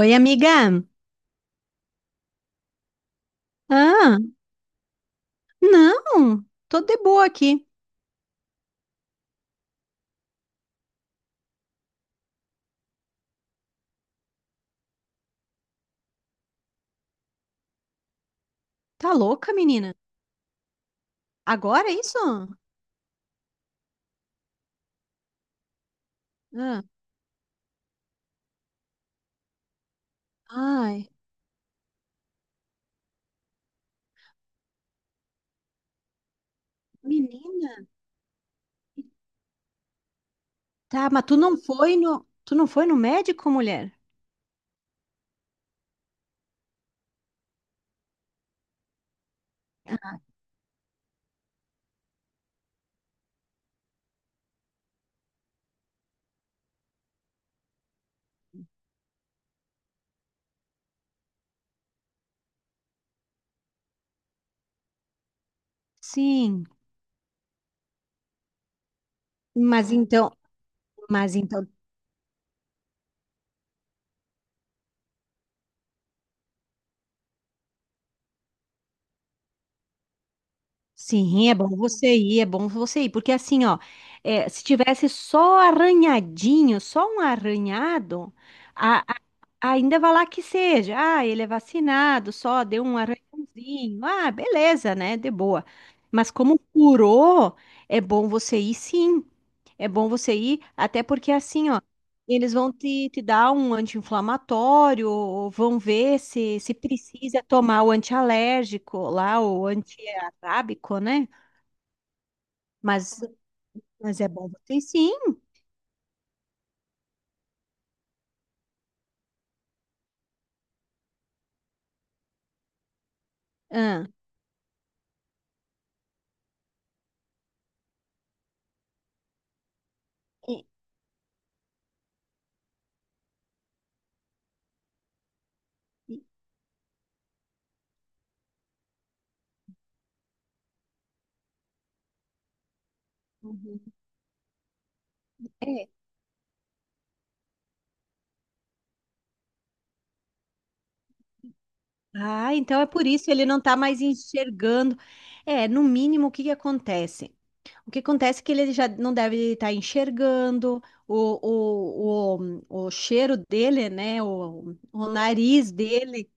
Oi, amiga. Ah, não. Tô de boa aqui. Tá louca, menina? Agora é isso? Ah, ai, menina. Tá, mas tu não foi no médico, mulher? Sim. Mas então, mas então Sim, é bom você ir, é bom você ir, porque assim, ó, é, se tivesse só arranhadinho, só um arranhado, a- a- ainda vai lá que seja, ah, ele é vacinado, só deu um arranhãozinho, ah, beleza, né, de boa. Mas como curou, é bom você ir, sim. É bom você ir, até porque assim, ó, eles vão te dar um anti-inflamatório, ou vão ver se, se precisa tomar o antialérgico lá, o antiarábico, né? Mas, mas é bom você ir, sim. Ah, e- e- uhum. É. Ah, então é por isso ele não está mais enxergando. É, no mínimo, o que que acontece? O que acontece é que ele já não deve estar enxergando, o cheiro dele, né? O nariz dele,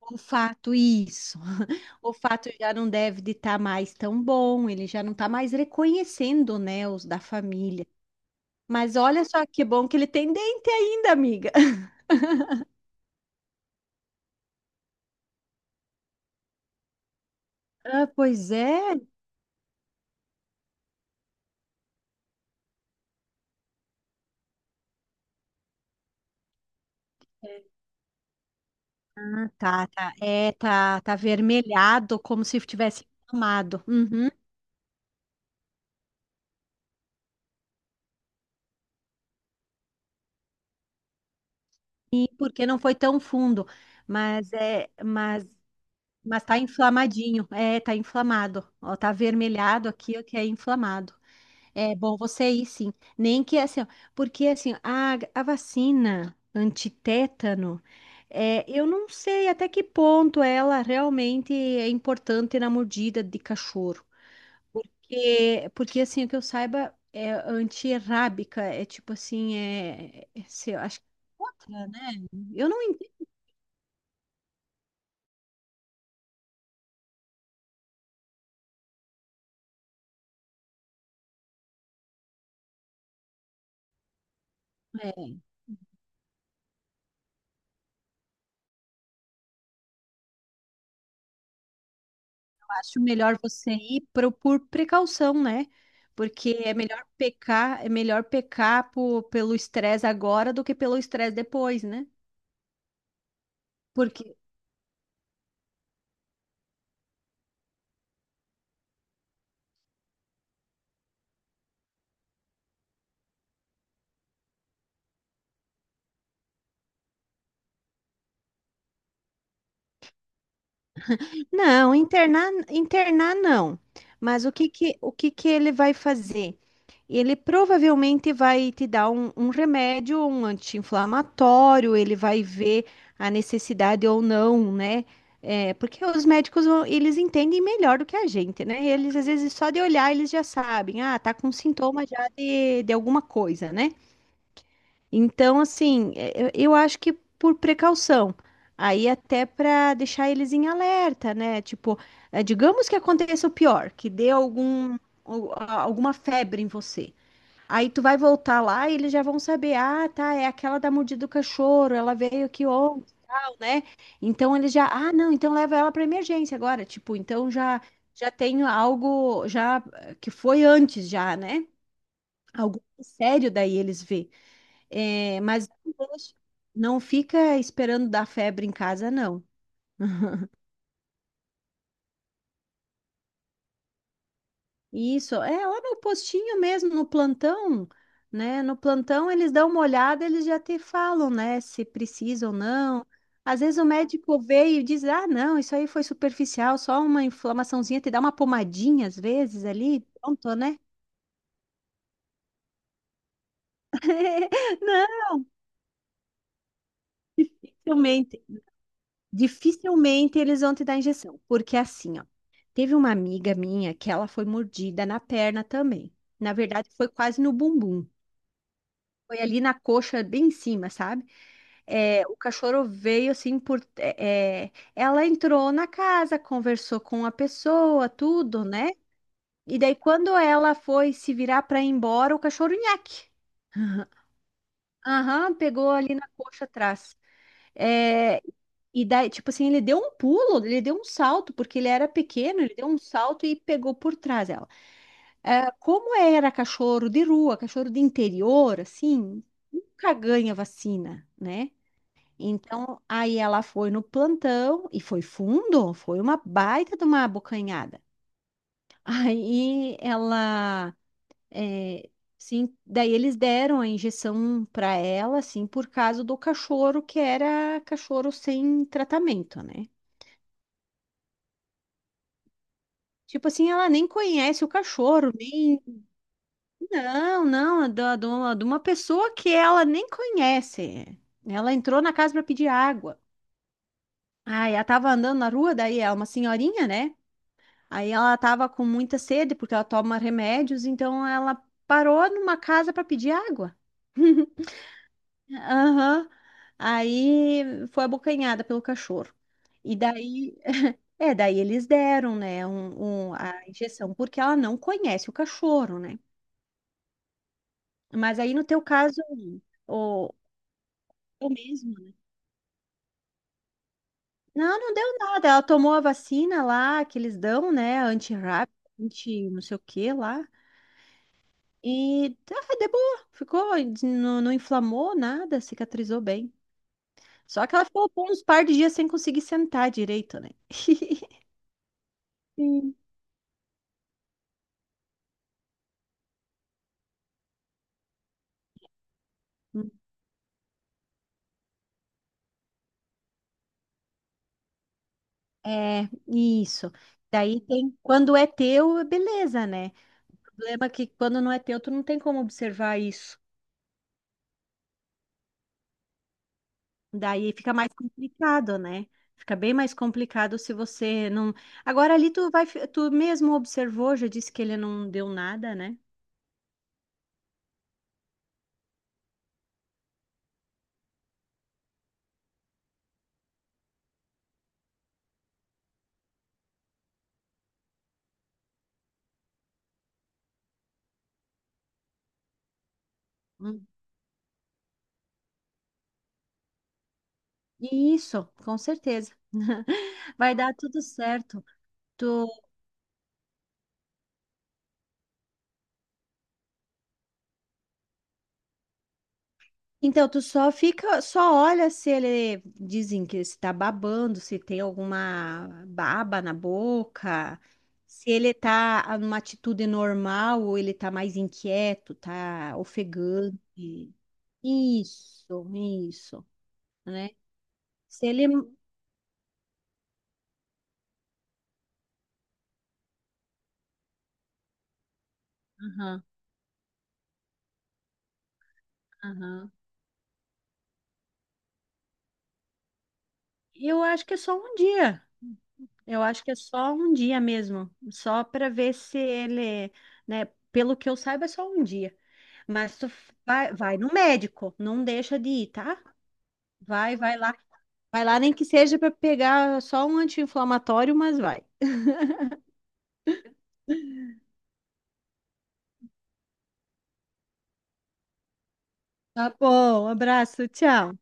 o olfato, isso. O olfato já não deve de estar mais tão bom, ele já não está mais reconhecendo, né, os da família. Mas olha só que bom que ele tem dente ainda, amiga. Ah, pois é. Ah, tá, tá. É, tá, tá avermelhado, como se tivesse inflamado. Uhum. E porque não foi tão fundo. Mas é, mas Mas tá inflamadinho, é, tá inflamado. Ó, tá avermelhado aqui, ó, que é inflamado. É bom você ir, sim. Nem que assim, ó, porque assim, a vacina antitétano, é, eu não sei até que ponto ela realmente é importante na mordida de cachorro. Porque assim, o que eu saiba é antirrábica, é tipo assim, acho que é outra, né? Eu não entendo. É. Acho melhor você ir por precaução, né? Porque é melhor pecar pelo estresse agora do que pelo estresse depois, né? Porque não, internar, internar não. Mas o que que ele vai fazer? Ele provavelmente vai te dar um remédio, um anti-inflamatório, ele vai ver a necessidade ou não, né? É, porque os médicos, vão- eles entendem melhor do que a gente, né? Eles, às vezes, só de olhar, eles já sabem, ah, tá com sintoma já de alguma coisa, né? Então, assim, é, eu acho que por precaução. Aí até para deixar eles em alerta, né? Tipo, é, digamos que aconteça o pior, que dê alguma febre em você. Aí tu vai voltar lá e eles já vão saber, ah, tá, é aquela da mordida do cachorro, ela veio aqui ontem, tal, né? Então eles já, ah, não, então leva ela para emergência agora, tipo, então já tem algo já que foi antes já, né? Algo sério daí eles vê. É, mas não fica esperando dar febre em casa, não. Isso, é lá no postinho mesmo, no plantão, né? No plantão eles dão uma olhada, eles já te falam, né? Se precisa ou não. Às vezes o médico vê e diz, ah, não, isso aí foi superficial, só uma inflamaçãozinha, te dá uma pomadinha às vezes ali, pronto, né? Não, dificilmente, dificilmente eles vão te dar injeção, porque assim, ó, teve uma amiga minha que ela foi mordida na perna também. Na verdade, foi quase no bumbum. Foi ali na coxa, bem em cima, sabe? É, o cachorro veio assim por. Ela entrou na casa, conversou com a pessoa, tudo, né? E daí, quando ela foi se virar para ir embora, o cachorro nhaque. Aham, pegou ali na coxa atrás. É, e daí, tipo assim, ele deu um pulo, ele deu um salto, porque ele era pequeno, ele deu um salto e pegou por trás ela. É, como era cachorro de rua, cachorro de interior, assim, nunca ganha vacina, né? Então, aí ela foi no plantão e foi fundo, foi uma baita de uma abocanhada. Aí ela, é, sim, daí eles deram a injeção para ela, assim, por causa do cachorro que era cachorro sem tratamento, né? Tipo assim, ela nem conhece o cachorro, nem. Não, não, é de uma pessoa que ela nem conhece. Ela entrou na casa para pedir água. Aí ela tava andando na rua, daí é uma senhorinha, né? Aí ela estava com muita sede porque ela toma remédios, então ela parou numa casa para pedir água. Aham. Aí foi abocanhada pelo cachorro. E daí, é, daí eles deram, né, a injeção, porque ela não conhece o cachorro, né? Mas aí no teu caso, o, o mesmo, né? Não, não deu nada. Ela tomou a vacina lá que eles dão, né? Anti-rábica, anti não sei o que lá. E ah, de boa, ficou, não, não inflamou nada, cicatrizou bem. Só que ela ficou por uns par de dias sem conseguir sentar direito, né? Sim. É, isso. Daí tem, quando é teu, é beleza, né? O problema é que quando não é teu, tu não tem como observar isso. Daí fica mais complicado, né? Fica bem mais complicado se você não. Agora ali tu vai, tu mesmo observou, já disse que ele não deu nada, né? Hum. Isso, com certeza. Vai dar tudo certo. Tu... Então, tu só fica, só olha se ele dizem que se tá babando, se tem alguma baba na boca, se ele tá numa atitude normal ou ele tá mais inquieto, tá ofegante. Isso, né? Se ele. Aham, aham. Eu acho que é só um dia. Eu acho que é só um dia mesmo, só para ver se ele, né? Pelo que eu saiba, é só um dia. Mas tu vai, vai no médico, não deixa de ir, tá? Vai, vai lá, nem que seja para pegar só um anti-inflamatório, mas vai. Tá bom, abraço, tchau.